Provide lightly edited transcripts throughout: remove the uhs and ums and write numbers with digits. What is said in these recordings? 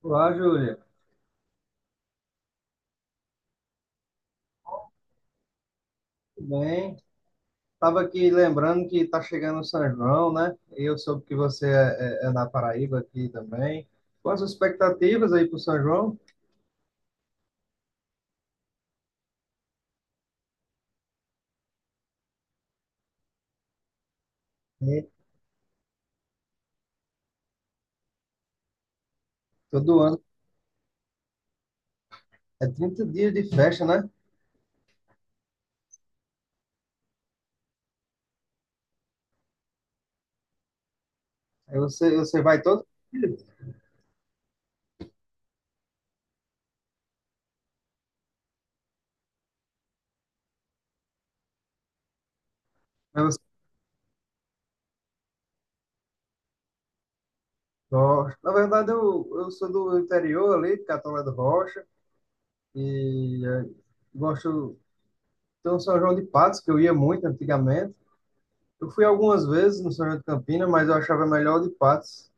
Olá, Júlia. Tudo bem? Estava aqui lembrando que está chegando o São João, né? E eu soube que você é da Paraíba aqui também. Quais as expectativas aí para o São João? É, todo ano. É 30 dias de festa, né? Aí você vai todo dia. Aí você gosta. Na verdade, eu sou do interior ali, de Catolé do Rocha. E é, gosto... Tem um São João de Patos, que eu ia muito antigamente. Eu fui algumas vezes no São João de Campina, mas eu achava melhor o de Patos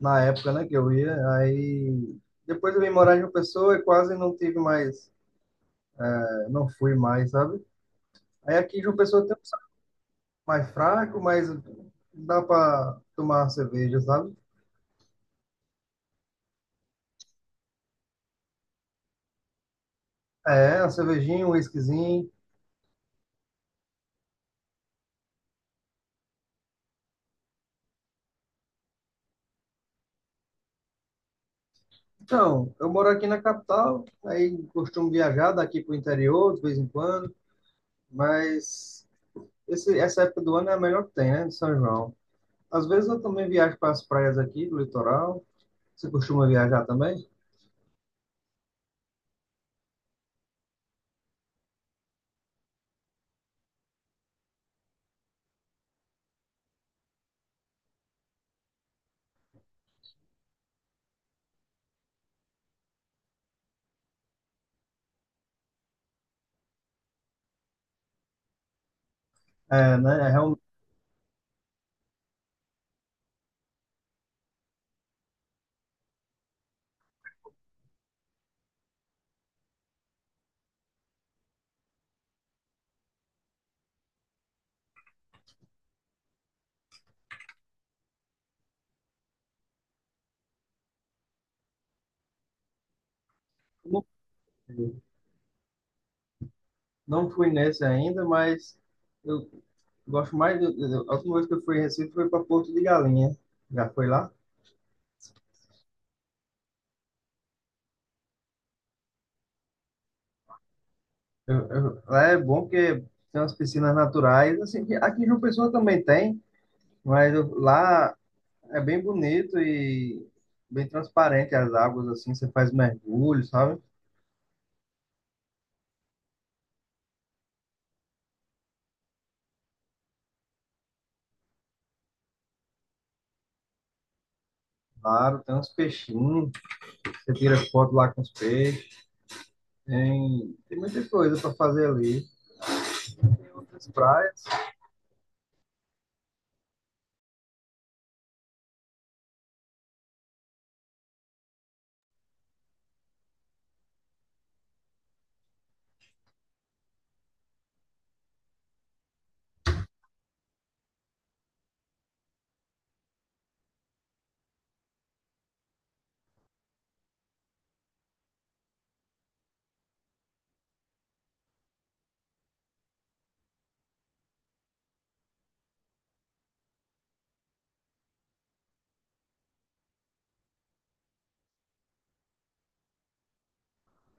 na época, né, que eu ia. Aí depois eu vim morar em João Pessoa e quase não tive mais, não fui mais, sabe? Aí aqui em João Pessoa tem um mais fraco, mas dá para tomar cerveja, sabe? É, uma cervejinha, um whiskyzinho. Então, eu moro aqui na capital, aí costumo viajar daqui pro interior de vez em quando, mas essa época do ano é a melhor que tem, né, de São João. Às vezes eu também viajo para as praias aqui do litoral. Você costuma viajar também? É, né? É realmente, eu fui não fui nesse ainda, mas eu gosto mais. A última vez que eu fui em Recife foi para Porto de Galinha. Já foi lá? Lá é bom porque tem umas piscinas naturais. Assim, que aqui em João Pessoa também tem, mas lá é bem bonito e bem transparente as águas. Assim, você faz mergulho, sabe? Claro, tem uns peixinhos. Você tira foto lá com os peixes. Tem muita coisa para fazer ali. As praias,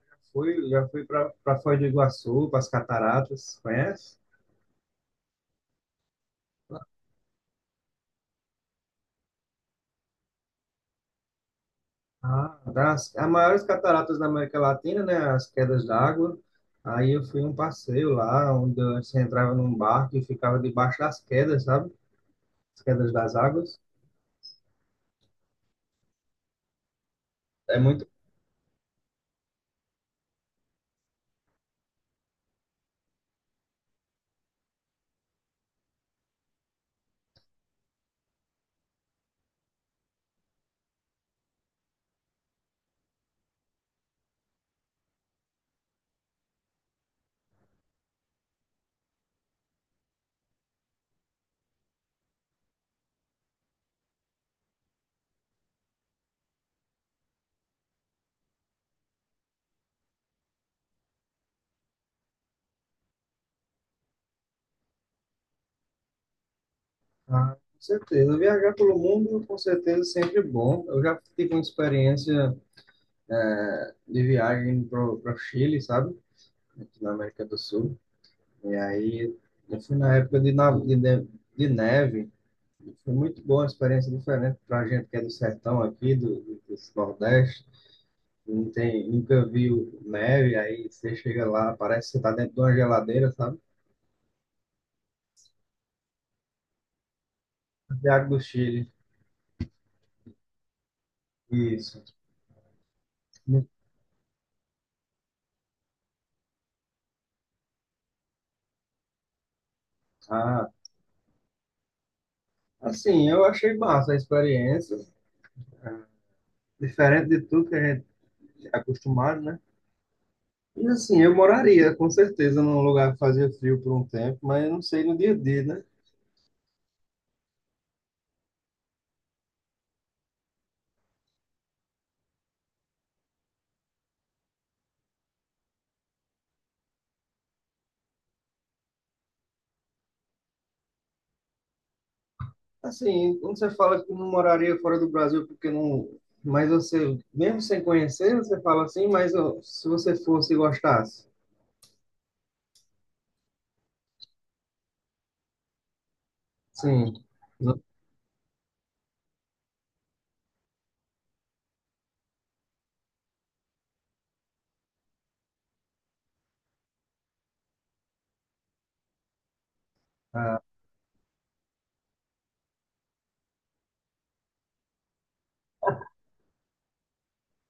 já fui para Foz do Iguaçu, para as cataratas, conhece? Ah, as maiores cataratas da América Latina, né? As quedas d'água. Aí eu fui um passeio lá, onde você entrava num barco e ficava debaixo das quedas, sabe? As quedas das águas. É muito. Ah, com certeza. Viajar pelo mundo, com certeza, é sempre bom. Eu já tive uma experiência de viagem para o Chile, sabe? Aqui na América do Sul. E aí, eu fui na época de, na- de, ne- de neve. Foi muito boa, uma experiência diferente para a gente que é do sertão aqui, desse Nordeste. Não tem, nunca viu neve, aí você chega lá, parece que você está dentro de uma geladeira, sabe? Santiago do Chile. Isso. Ah, assim, eu achei massa a experiência, diferente de tudo que a gente é acostumado, né? E assim, eu moraria com certeza num lugar que fazia frio por um tempo, mas eu não sei no dia a dia, né? Assim, quando você fala que não moraria fora do Brasil porque não. Mas você, mesmo sem conhecer, você fala assim, mas ó, se você fosse e gostasse. Sim. No- ah,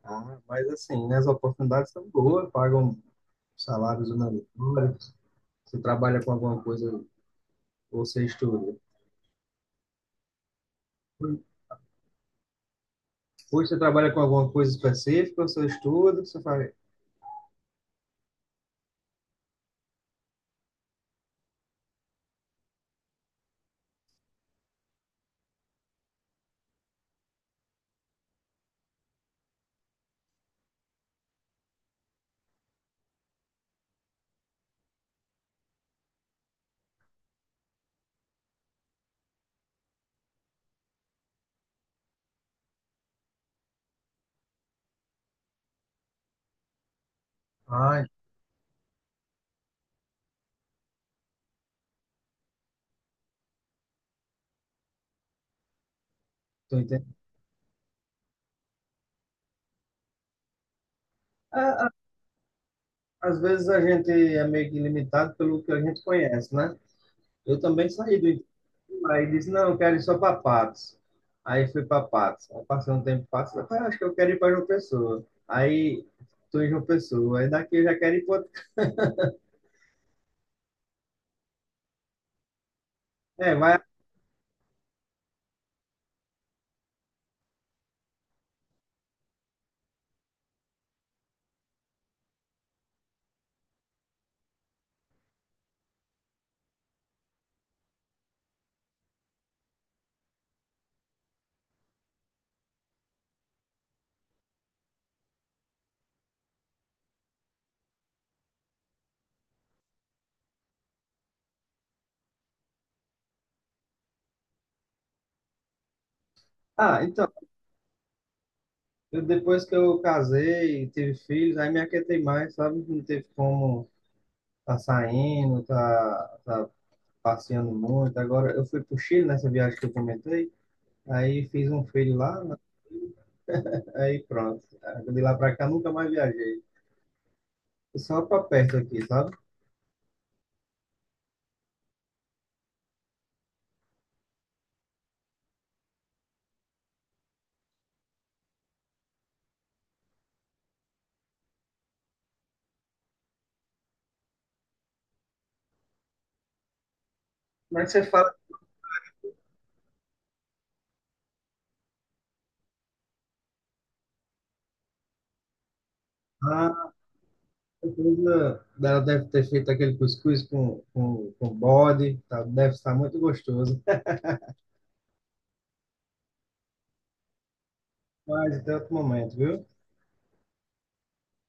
ah, mas assim, né, as oportunidades são boas, pagam salários humanitários, você trabalha com alguma coisa ou você estuda. Ou você trabalha com alguma coisa específica, ou você estuda, você fala, ah, tô entendendo. Ah, ah, às vezes a gente é meio que limitado pelo que a gente conhece, né? Eu também saí do aí disse, não, eu quero ir só para Patos. Aí fui para Patos. Aí passei um tempo em Patos, eu falei, ah, acho que eu quero ir para João Pessoa. Aí tô em João Pessoa, aí daqui eu já quero ir para outro. É, vai... Ah, então, eu, depois que eu casei, tive filhos, aí me aquietei mais, sabe? Não teve como tá saindo, tá passeando muito. Agora, eu fui pro Chile nessa viagem que eu comentei, aí fiz um filho lá, né? Aí pronto. De lá para cá, nunca mais viajei. Só para perto aqui, sabe? Mas você fala, ah, certeza ela deve ter feito aquele cuscuz com bode, tá? Deve estar muito gostoso. Mas até outro momento, viu?